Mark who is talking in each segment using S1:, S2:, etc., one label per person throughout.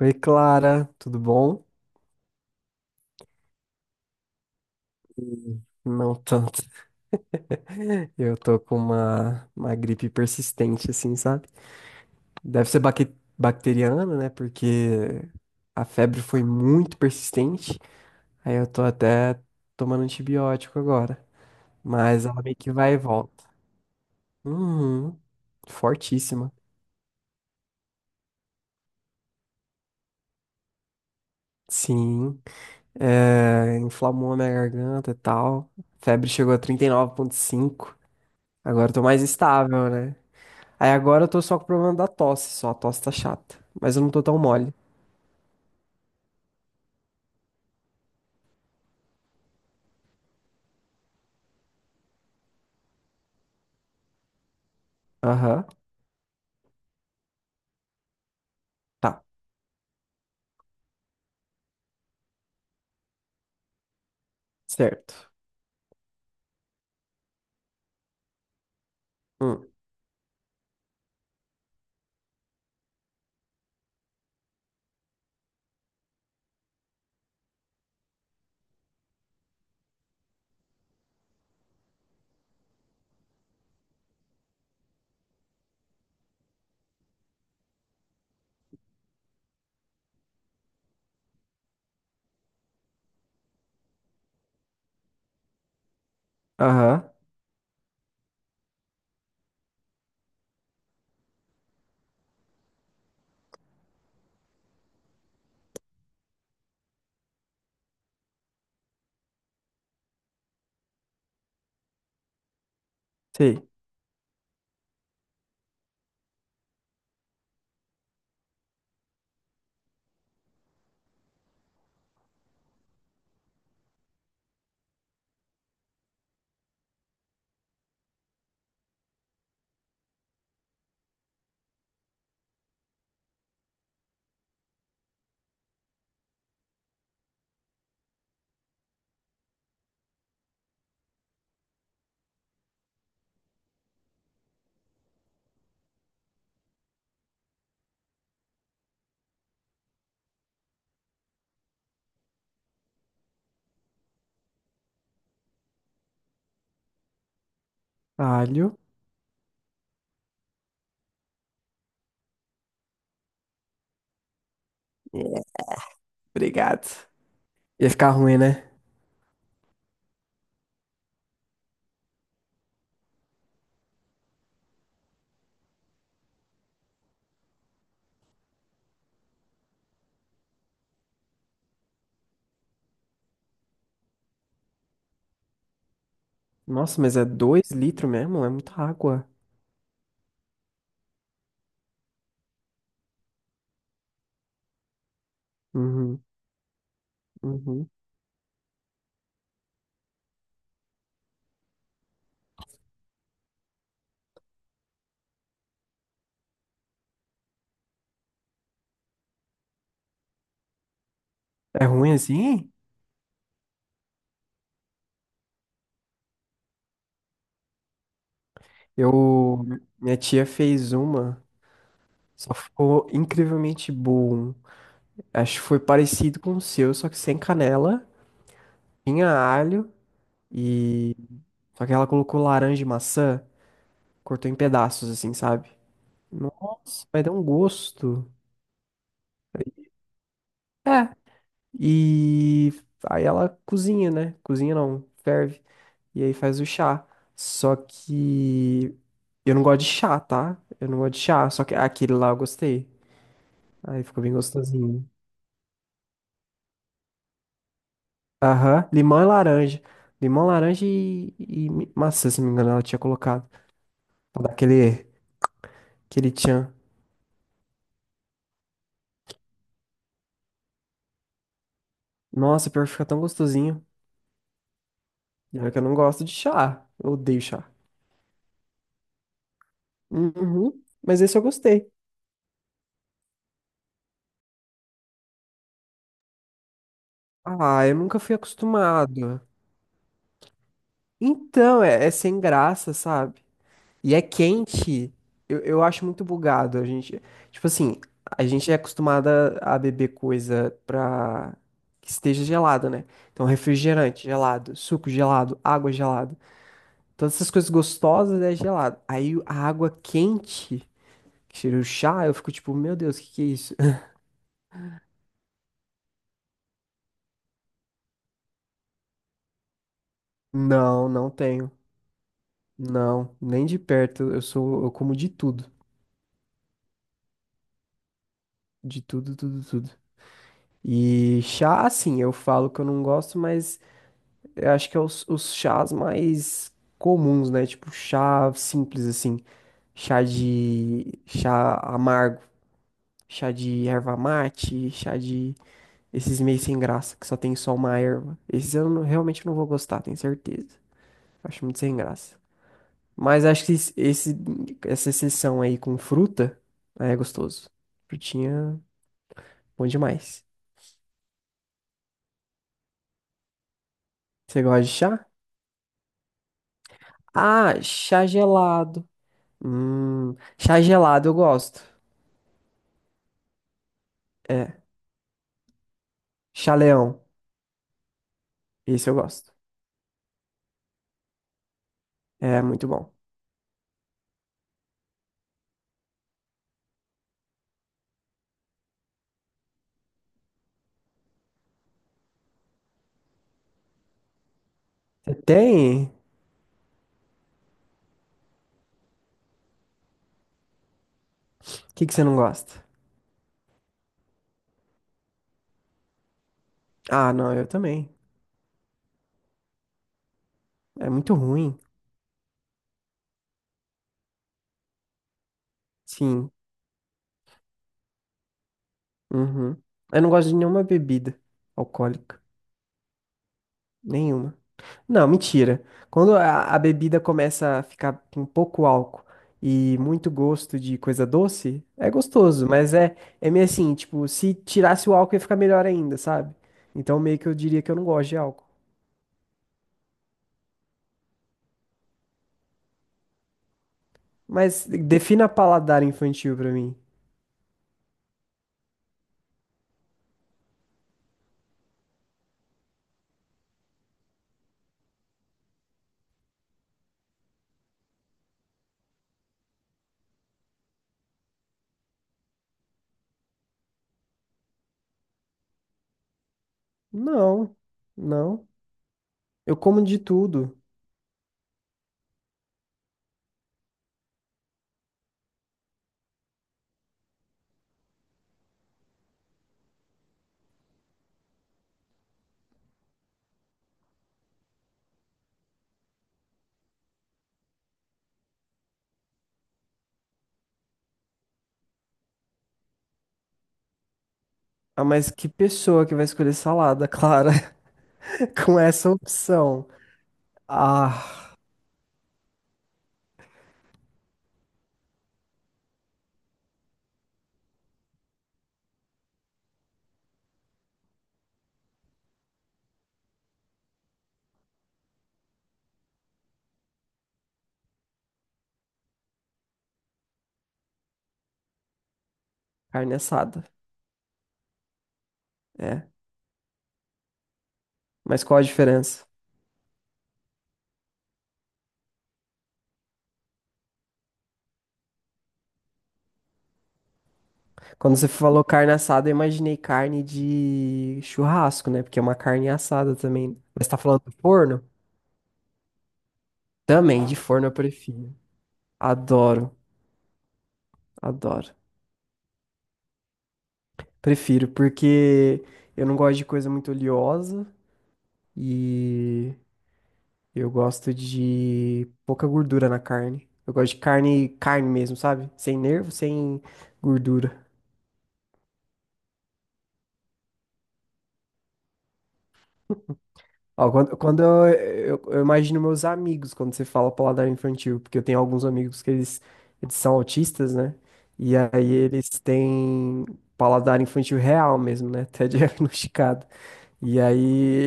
S1: Oi, Clara, tudo bom? Não tanto. Eu tô com uma gripe persistente, assim, sabe? Deve ser bacteriana, né? Porque a febre foi muito persistente. Aí eu tô até tomando antibiótico agora. Mas ela meio que vai e volta. Uhum, fortíssima. Sim. É, inflamou a minha garganta e tal. Febre chegou a 39,5. Agora eu tô mais estável, né? Aí agora eu tô só com o problema da tosse, só a tosse tá chata. Mas eu não tô tão mole. Aham, tá, certo. Hum, Aham, sei. Alho. É, obrigado. Ia ficar ruim, né? Nossa, mas é dois litros mesmo? É muita água. Uhum, uhum. É ruim assim? Eu. Minha tia fez uma, só ficou incrivelmente bom. Acho que foi parecido com o seu, só que sem canela. Tinha alho e. Só que ela colocou laranja e maçã. Cortou em pedaços, assim, sabe? Nossa, mas dá um gosto. É. E aí ela cozinha, né? Cozinha não, ferve. E aí faz o chá. Só que eu não gosto de chá, tá? Eu não gosto de chá, só que aquele lá eu gostei. Aí ficou bem gostosinho. Aham, limão e laranja. Limão, laranja e, maçã, se não me engano, ela tinha colocado. Pra dar aquele tchan. Nossa, pior que fica tão gostosinho. E olha que eu não gosto de chá. Eu odeio chá. Uhum. Mas esse eu gostei. Ah, eu nunca fui acostumado. Então, é sem graça, sabe? E é quente. Eu acho muito bugado. A gente, tipo assim, a gente é acostumada a beber coisa pra que esteja gelada, né? Então, refrigerante gelado, suco gelado, água gelada. Todas essas coisas gostosas é gelado. Aí a água quente, que cheira o chá, eu fico tipo, meu Deus, o que que é isso? Não, não tenho. Não, nem de perto. Eu sou, eu como de tudo, tudo, tudo. E chá, assim, eu falo que eu não gosto, mas eu acho que é os chás mais comuns, né? Tipo chá simples, assim, chá amargo, chá de erva mate, chá de esses meio sem graça que só tem só uma erva. Esses eu não- realmente não vou gostar, tenho certeza. Acho muito sem graça. Mas acho que essa exceção aí com fruta aí é gostoso. Frutinha, bom demais. Você gosta de chá? Ah, chá gelado. Chá gelado eu gosto. É, chá leão. Esse eu gosto. É muito bom. Você tem? O que que você não gosta? Ah, não, eu também. É muito ruim. Sim. Uhum. Eu não gosto de nenhuma bebida alcoólica. Nenhuma. Não, mentira. Quando a bebida começa a ficar com pouco álcool e muito gosto de coisa doce, é gostoso, mas é meio assim, tipo, se tirasse o álcool ia ficar melhor ainda, sabe? Então meio que eu diria que eu não gosto de álcool. Mas defina paladar infantil pra mim. Não, não. Eu como de tudo. Ah, mas que pessoa que vai escolher salada, Clara, com essa opção? Ah, carne assada. É. Mas qual a diferença? Quando você falou carne assada, eu imaginei carne de churrasco, né? Porque é uma carne assada também. Mas tá falando do forno? Também, de forno eu prefiro. Adoro, adoro. Prefiro, porque eu não gosto de coisa muito oleosa e eu gosto de pouca gordura na carne. Eu gosto de carne, carne mesmo, sabe? Sem nervo, sem gordura. Ó, quando eu imagino meus amigos quando você fala paladar infantil, porque eu tenho alguns amigos eles são autistas, né? E aí eles têm paladar infantil real mesmo, né? Até diagnosticado. E aí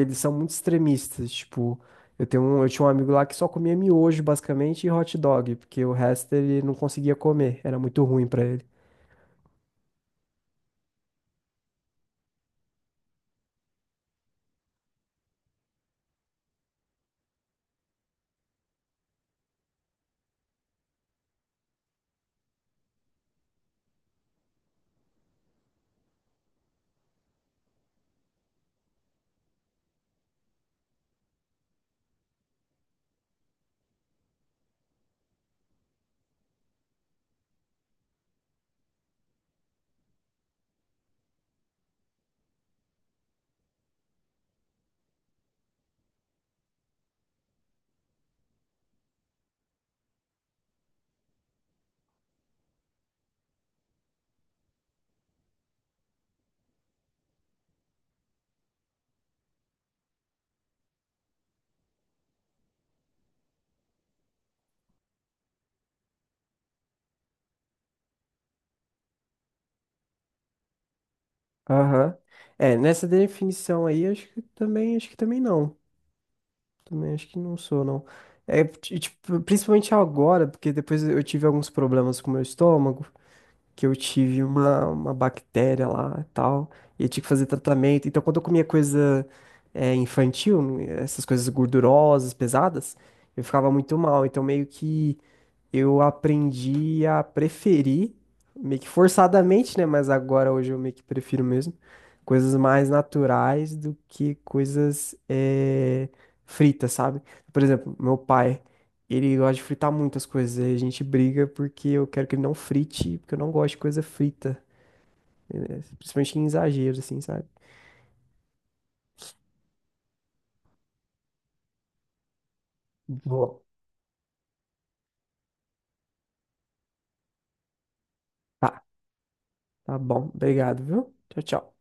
S1: eles são muito extremistas, tipo, eu tinha um amigo lá que só comia miojo basicamente e hot dog, porque o resto ele não conseguia comer, era muito ruim pra ele. Aham. É, nessa definição aí, acho que também não. Também acho que não sou, não. É, e, tipo, principalmente agora, porque depois eu tive alguns problemas com o meu estômago, que eu tive uma bactéria lá e tal, e eu tinha que fazer tratamento. Então, quando eu comia coisa infantil, essas coisas gordurosas, pesadas, eu ficava muito mal. Então, meio que eu aprendi a preferir, meio que forçadamente, né? Mas agora hoje eu meio que prefiro mesmo, coisas mais naturais do que coisas fritas, sabe? Por exemplo, meu pai, ele gosta de fritar muitas coisas, aí a gente briga porque eu quero que ele não frite, porque eu não gosto de coisa frita, principalmente em exagero, assim, sabe? Boa. Tá, tá bom, obrigado, viu? Tchau, tchau.